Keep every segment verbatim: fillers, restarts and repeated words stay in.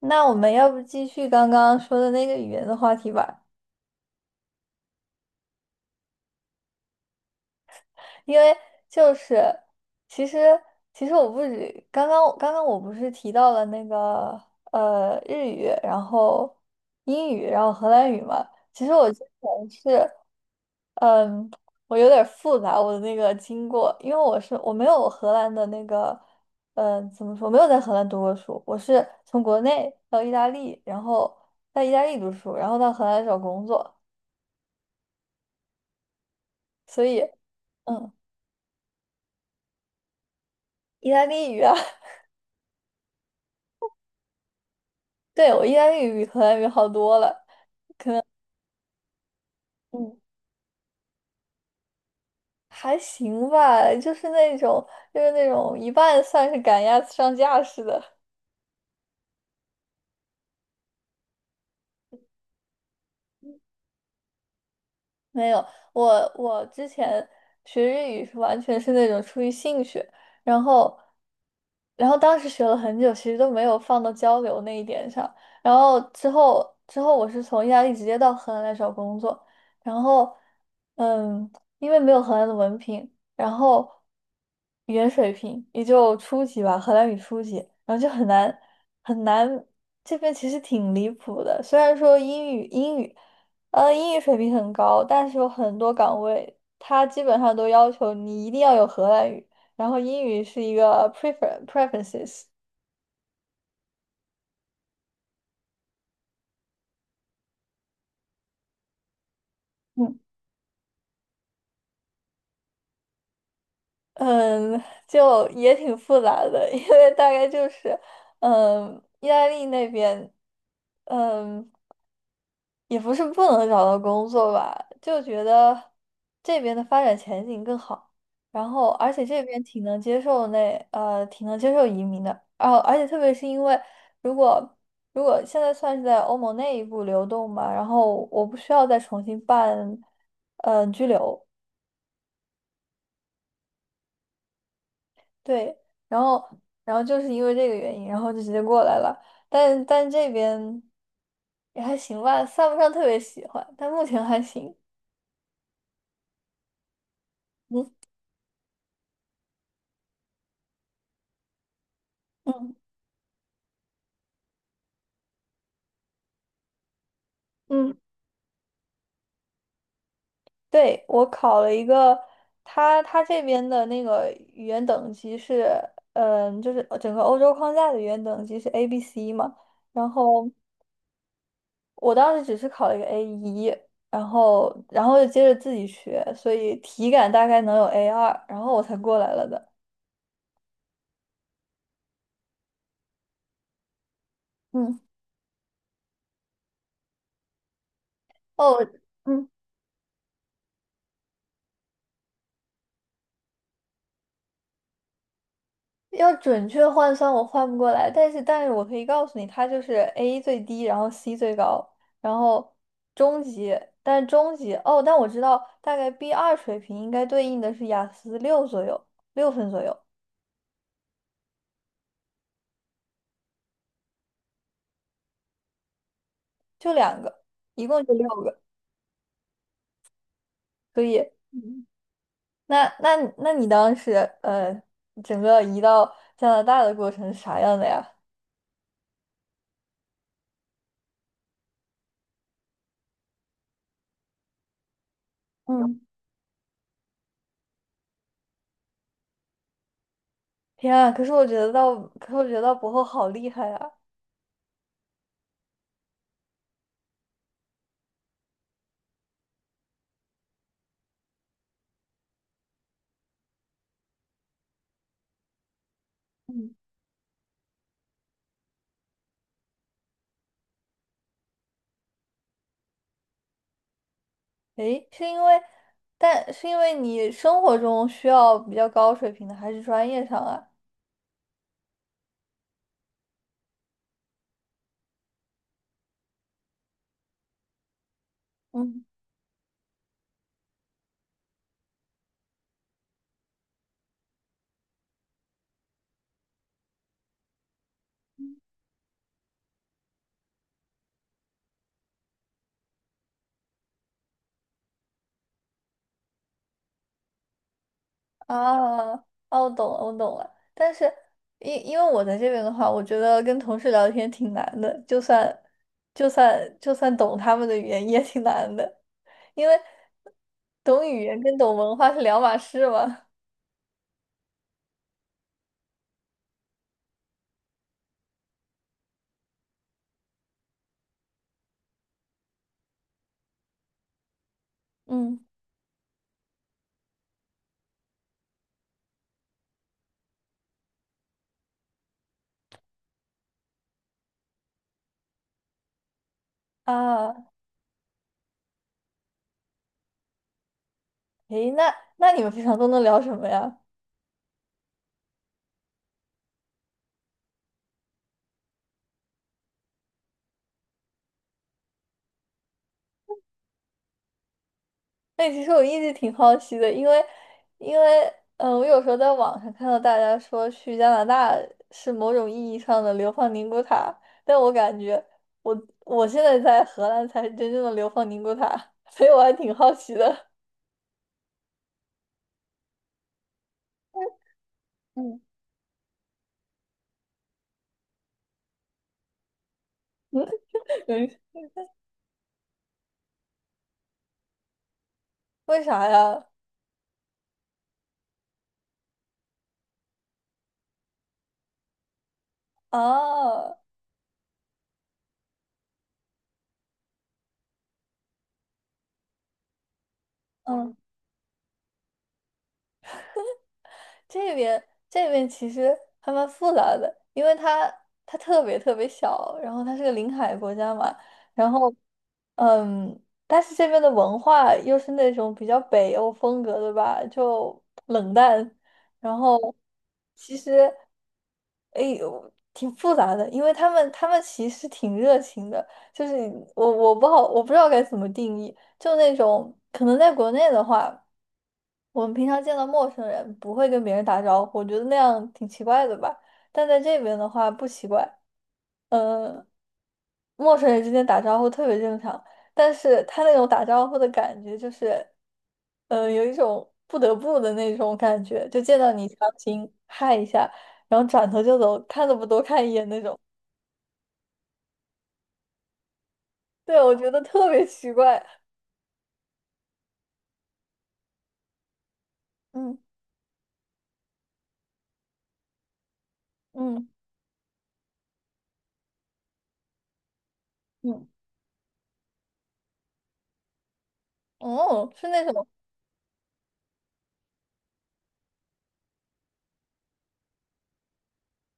那我们要不继续刚刚说的那个语言的话题吧，因为就是其实其实我不止刚刚刚刚我不是提到了那个呃日语，然后英语，然后荷兰语嘛。其实我之前是嗯，我有点儿复杂我的那个经过，因为我是我没有荷兰的那个嗯、呃怎么说，没有在荷兰读过书，我是从国内到意大利，然后在意大利读书，然后到荷兰找工作。所以，嗯，意大利语啊，对，我意大利语比荷兰语好多了。嗯，还行吧，就是那种，就是那种一半算是赶鸭子上架似的。没有，我我之前学日语是完全是那种出于兴趣，然后，然后当时学了很久，其实都没有放到交流那一点上。然后之后之后，我是从意大利直接到荷兰来找工作，然后嗯，因为没有荷兰的文凭，然后语言水平也就初级吧，荷兰语初级，然后就很难很难，这边其实挺离谱的，虽然说英语英语。呃，英语水平很高，但是有很多岗位，它基本上都要求你一定要有荷兰语，然后英语是一个 prefer preferences。嗯嗯，就也挺复杂的，因为大概就是嗯，意大利那边嗯。也不是不能找到工作吧，就觉得这边的发展前景更好，然后而且这边挺能接受那呃挺能接受移民的，然后而且特别是因为如果如果现在算是在欧盟内部流动吧，然后我不需要再重新办嗯、呃居留，对，然后然后就是因为这个原因，然后就直接过来了，但但这边也还行吧，算不上特别喜欢，但目前还行。嗯。嗯。对，我考了一个，他他这边的那个语言等级是，嗯，就是整个欧洲框架的语言等级是 A B C 嘛。然后我当时只是考了一个 A 一，然后然后就接着自己学，所以体感大概能有 A 二，然后我才过来了的。嗯，哦，嗯。要准确换算我换不过来，但是但是我可以告诉你，它就是 A 最低，然后 C 最高，然后中级，但是中级哦，但我知道大概 B 二水平应该对应的是雅思六左右，六分左右，就两个，一共就六个，所以。嗯。那那那你当时呃整个移到加拿大的过程是啥样的呀？嗯。天啊，可是我觉得到，可是我觉得到博后好厉害啊！诶，是因为，但是因为你生活中需要比较高水平的，还是专业上啊？嗯啊，哦，我懂了，我懂了。但是因因为我在这边的话，我觉得跟同事聊天挺难的，就算就算就算懂他们的语言也挺难的，因为懂语言跟懂文化是两码事嘛。嗯，啊，诶，那那你们平常都能聊什么呀？哎，其实我一直挺好奇的，因为因为，嗯，我有时候在网上看到大家说去加拿大是某种意义上的流放宁古塔，但我感觉我我现在在荷兰才是真正的流放宁古塔，所以我还挺好奇的。嗯，为啥呀？啊，嗯。这边这边其实还蛮复杂的，因为它它特别特别小，然后它是个临海国家嘛，然后嗯，但是这边的文化又是那种比较北欧风格的吧，就冷淡，然后其实哎呦挺复杂的，因为他们他们其实挺热情的，就是我我不好我不知道该怎么定义，就那种可能在国内的话。我们平常见到陌生人不会跟别人打招呼，我觉得那样挺奇怪的吧。但在这边的话不奇怪，嗯，陌生人之间打招呼特别正常。但是他那种打招呼的感觉就是，嗯，有一种不得不的那种感觉，就见到你强行嗨一下，然后转头就走，看都不多看一眼那种。对，我觉得特别奇怪。嗯嗯嗯，哦，是那种，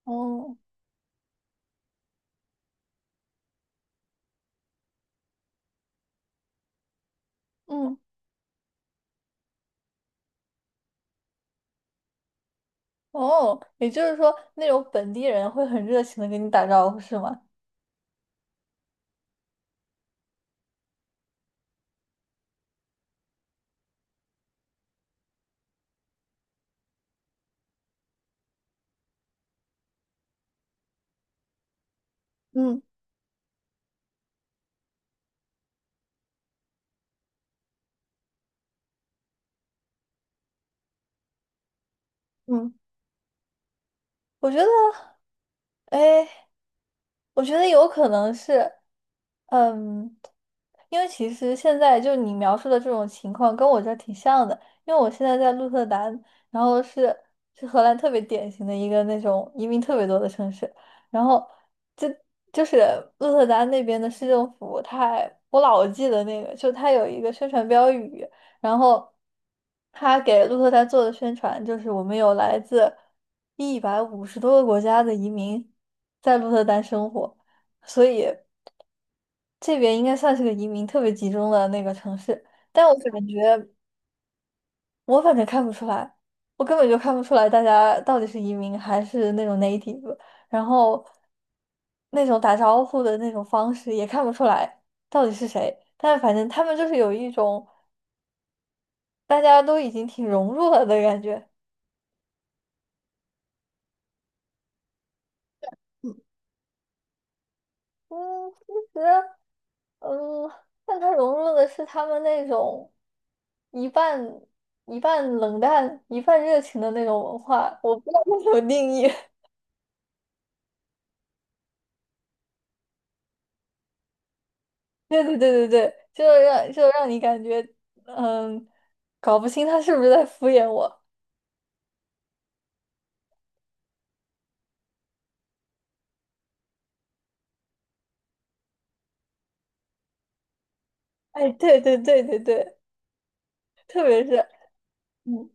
哦嗯。哦，也就是说，那种本地人会很热情的跟你打招呼，是吗？嗯嗯。我觉得，哎，我觉得有可能是，嗯，因为其实现在就你描述的这种情况跟我这儿挺像的，因为我现在在鹿特丹，然后是是荷兰特别典型的一个那种移民特别多的城市，然后就就是鹿特丹那边的市政府，它还我老记得那个，就它有一个宣传标语，然后它给鹿特丹做的宣传就是我们有来自一百五十多个国家的移民在鹿特丹生活，所以。这边应该算是个移民特别集中的那个城市，但我感觉我反正看不出来，我根本就看不出来大家到底是移民还是那种 native，然后那种打招呼的那种方式也看不出来到底是谁，但反正他们就是有一种大家都已经挺融入了的感觉。嗯，其实，嗯，但它融入的是他们那种一半一半冷淡、一半热情的那种文化，我不知道该怎么定义。对对对对对，就是让就是让你感觉嗯，搞不清他是不是在敷衍我。哎，对对对对对，特别是，嗯，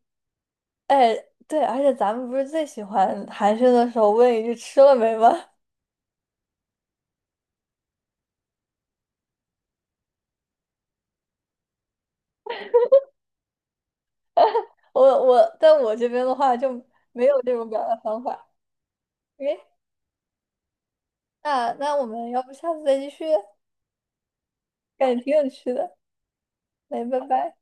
哎，对，而且咱们不是最喜欢寒暄的时候问一句"吃了没"吗？我我在我这边的话就没有这种表达方法。那那我们要不下次再继续？感觉挺有趣的。来，拜拜。